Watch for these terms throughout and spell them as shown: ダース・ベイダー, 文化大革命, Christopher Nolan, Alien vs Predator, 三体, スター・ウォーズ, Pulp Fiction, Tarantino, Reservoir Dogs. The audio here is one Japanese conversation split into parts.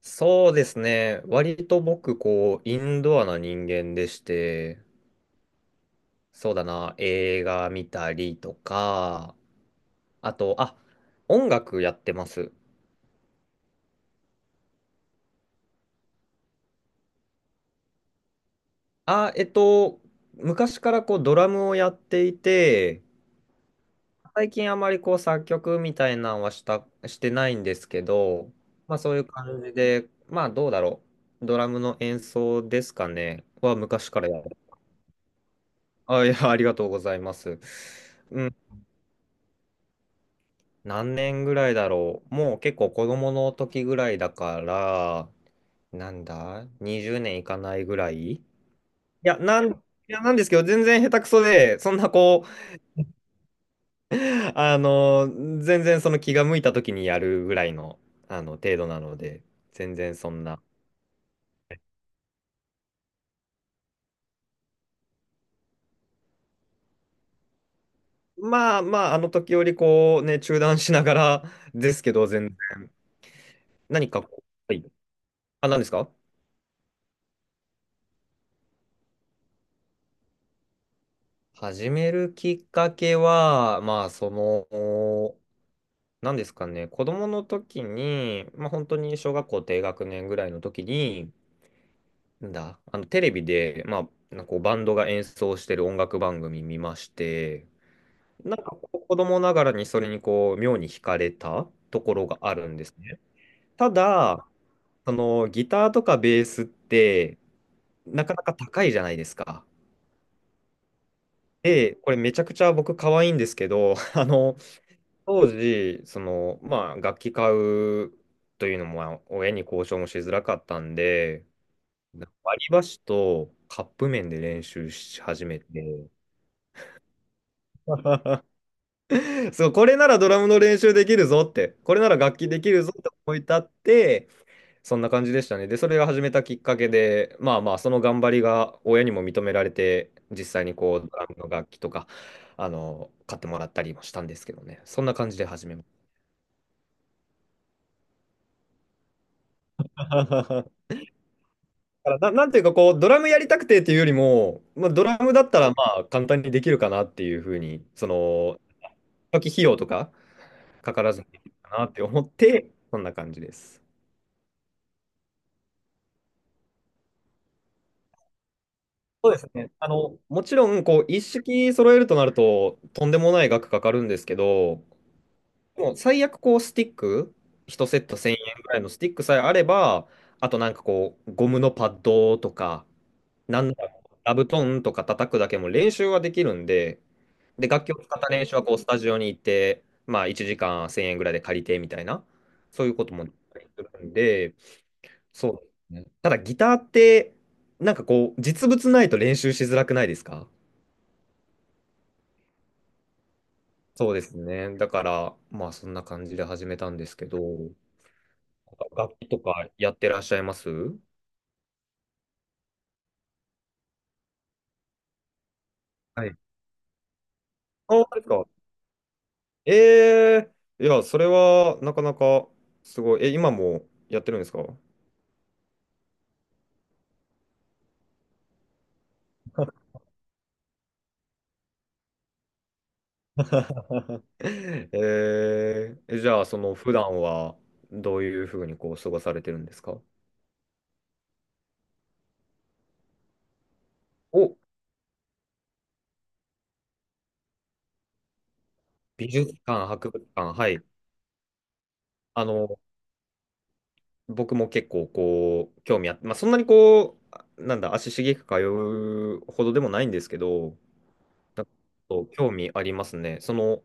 そうですね。割と僕、こう、インドアな人間でして、そうだな、映画見たりとか、あと、あ、音楽やってます。あ、昔からこう、ドラムをやっていて、最近あまりこう、作曲みたいなのはしてないんですけど、まあそういう感じで、まあどうだろう。ドラムの演奏ですかね、は昔からやる。あ、いや、ありがとうございます。何年ぐらいだろう。もう結構子供の時ぐらいだから、なんだ？ 20 年いかないぐらいいや、なんですけど、全然下手くそで、そんなこう、あの、全然その気が向いた時にやるぐらいの、あの、程度なので、全然そんな。まあまあ、あの時よりこう、ね、中断しながら ですけど、全然、何かこう、はい。あ、何ですか？始めるきっかけは、まあ、その、なんですかね、子供の時に、まあ、本当に小学校低学年ぐらいの時に、なんだ、あのテレビで、まあ、なんかこうバンドが演奏してる音楽番組見まして、なんかこう子供ながらにそれにこう妙に惹かれたところがあるんですね。ただ、そのギターとかベースってなかなか高いじゃないですか。で、これめちゃくちゃ僕可愛いんですけど、あの、当時、その、まあ、楽器買うというのも、まあ親に交渉もしづらかったんで、割り箸とカップ麺で練習し始めて、そう、これならドラムの練習できるぞって、これなら楽器できるぞって思い立って、そんな感じでしたね。で、それが始めたきっかけで、まあまあ、その頑張りが親にも認められて、実際にこう、ドラムの楽器とか、あの、買ってもらったりもしたんですけどね。そんな感じで始めました。だからな、なんていうかこう、ドラムやりたくてっていうよりも、まあ、ドラムだったらまあ簡単にできるかなっていうふうに、その、初期費用とかかからずにできるかなって思って、そんな感じです。そうですね。あの、もちろん、こう、一式揃えるとなると、とんでもない額かかるんですけど、もう最悪、こう、スティック、一セット1000円ぐらいのスティックさえあれば、あとなんかこう、ゴムのパッドとか、なんなら、座布団とか叩くだけも練習はできるんで、で、楽器を使った練習はこうスタジオに行って、まあ1時間1000円ぐらいで借りてみたいな、そういうこともできたりするんで、そうですね。ただギターって、なんかこう、実物ないと練習しづらくないですか？そうですね。だから、まあそんな感じで始めたんですけど、楽器とかやってらっしゃいます？はい。あ、そうですか。え、え、いや、それはなかなかすごい。え、今もやってるんですか？ えー、じゃあ、その普段はどういうふうにこう過ごされてるんですか？お、美術館、博物館、はい。あの、僕も結構こう、興味あって、まあ、そんなにこう、なんだ、足しげく通うほどでもないんですけど、なんかそう興味ありますね。その、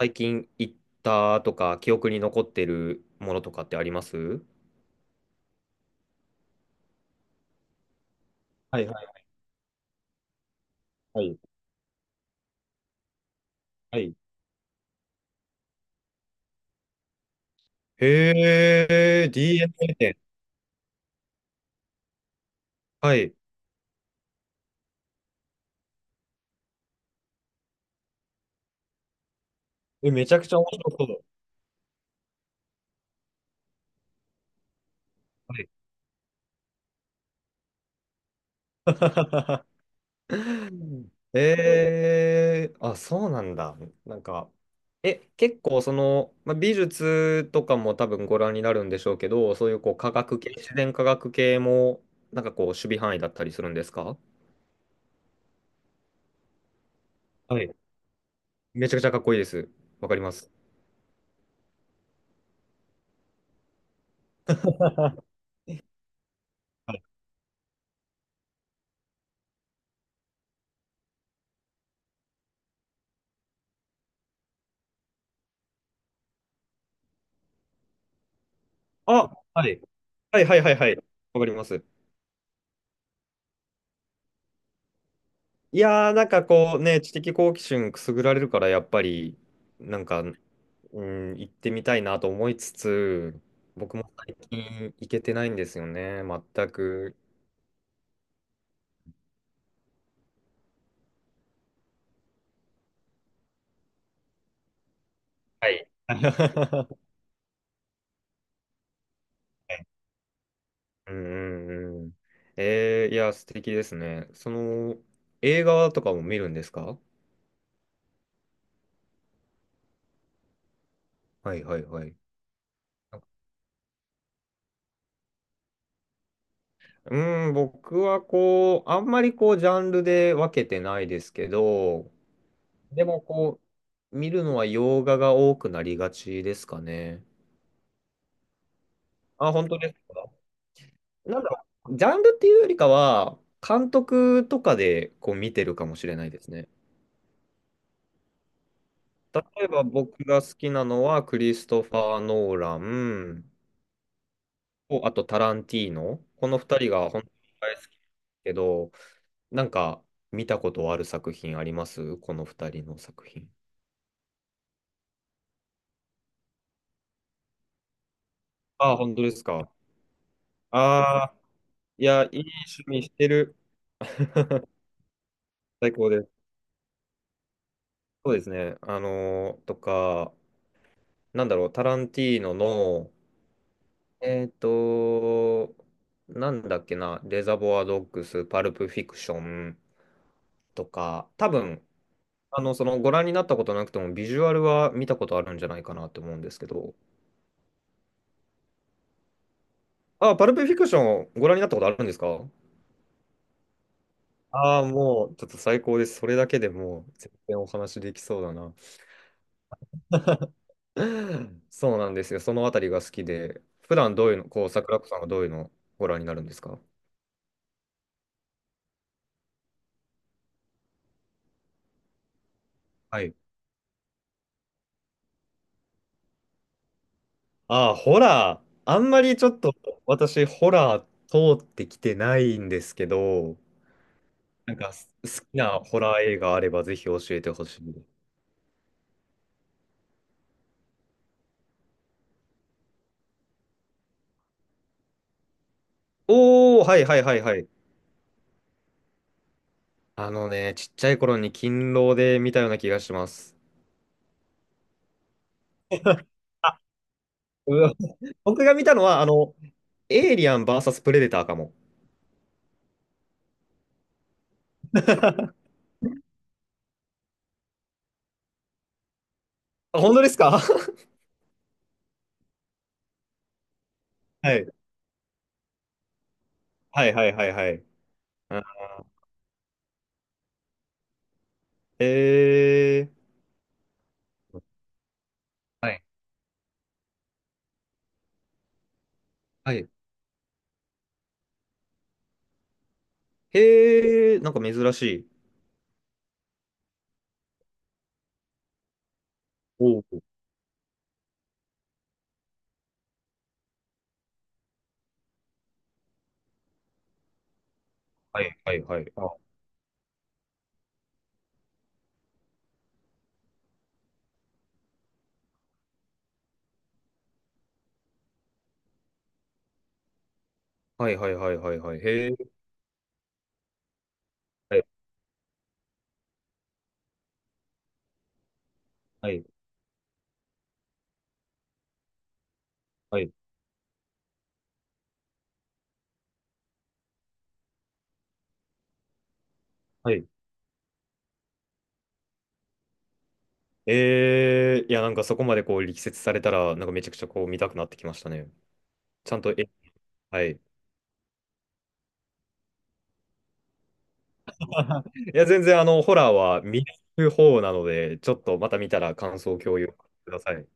最近行ったとか、記憶に残ってるものとかってあります？はいはいはい。はい。へえ、DNA 店。はい。え、めちゃくちゃ面白そう。え、え、あ、そうなんだ。なんか、え、結構その、まあ、美術とかも多分ご覧になるんでしょうけど、そういうこう科学系、自然科学系も、なんかこう、守備範囲だったりするんですか？はい。めちゃくちゃかっこいいです。わかります。はい、あ、はい。はいはいはいはい。わかります。いやー、なんかこうね、知的好奇心くすぐられるから、やっぱり、なんか、うん、行ってみたいなと思いつつ、僕も最近行けてないんですよね、全く。はい。はい、うんうんうん。えー、いや、素敵ですね。その、映画とかも見るんですか？はいはいはい。うん、僕はこう、あんまりこう、ジャンルで分けてないですけど、でもこう、見るのは洋画が多くなりがちですかね。あ、本当ですか？なんだろう、ジャンルっていうよりかは、監督とかでこう見てるかもしれないですね。例えば僕が好きなのは、クリストファー・ノーランと、あとタランティーノ。この2人が本当に大好きだけど、なんか見たことある作品あります？この2人の作品。ああ、本当ですか。ああ、いや、いい趣味してる。最高です。そうですね。あのーとか、なんだろう、タランティーノの、えっと、なんだっけな、レザボアドッグス、パルプフィクションとか、多分、あの、そのご覧になったことなくても、ビジュアルは見たことあるんじゃないかなって思うんですけど、あ、パルプフィクションご覧になったことあるんですか？ああー、もう、ちょっと最高です。それだけでもう、全然お話できそうだな。そうなんですよ。そのあたりが好きで、普段どういうの、こう、桜子さんはどういうのをご覧になるんですか？はい。ああ、ホラー。あんまりちょっと私、ホラー通ってきてないんですけど、なんかす好きなホラー映画あればぜひ教えてほしい。おー、はいはいはいはい。あのね、ちっちゃい頃に勤労で見たような気がします。あ、うわ、僕が見たのは、あの、エイリアン VS プレデターかも。あ、本当ですか？ はい。はいはいはいはい。あ、へえ。はい。はい。へえ、なんか珍しい。おお。はいはいはい。あ、はいはいはいはいはい。へえ。はい。はい。はい。え、えー、いや、なんかそこまでこう力説されたら、なんかめちゃくちゃこう見たくなってきましたね。ちゃんと、え、はい。いや、全然あの、ホラーは見る方なので、ちょっとまた見たら感想を共有ください。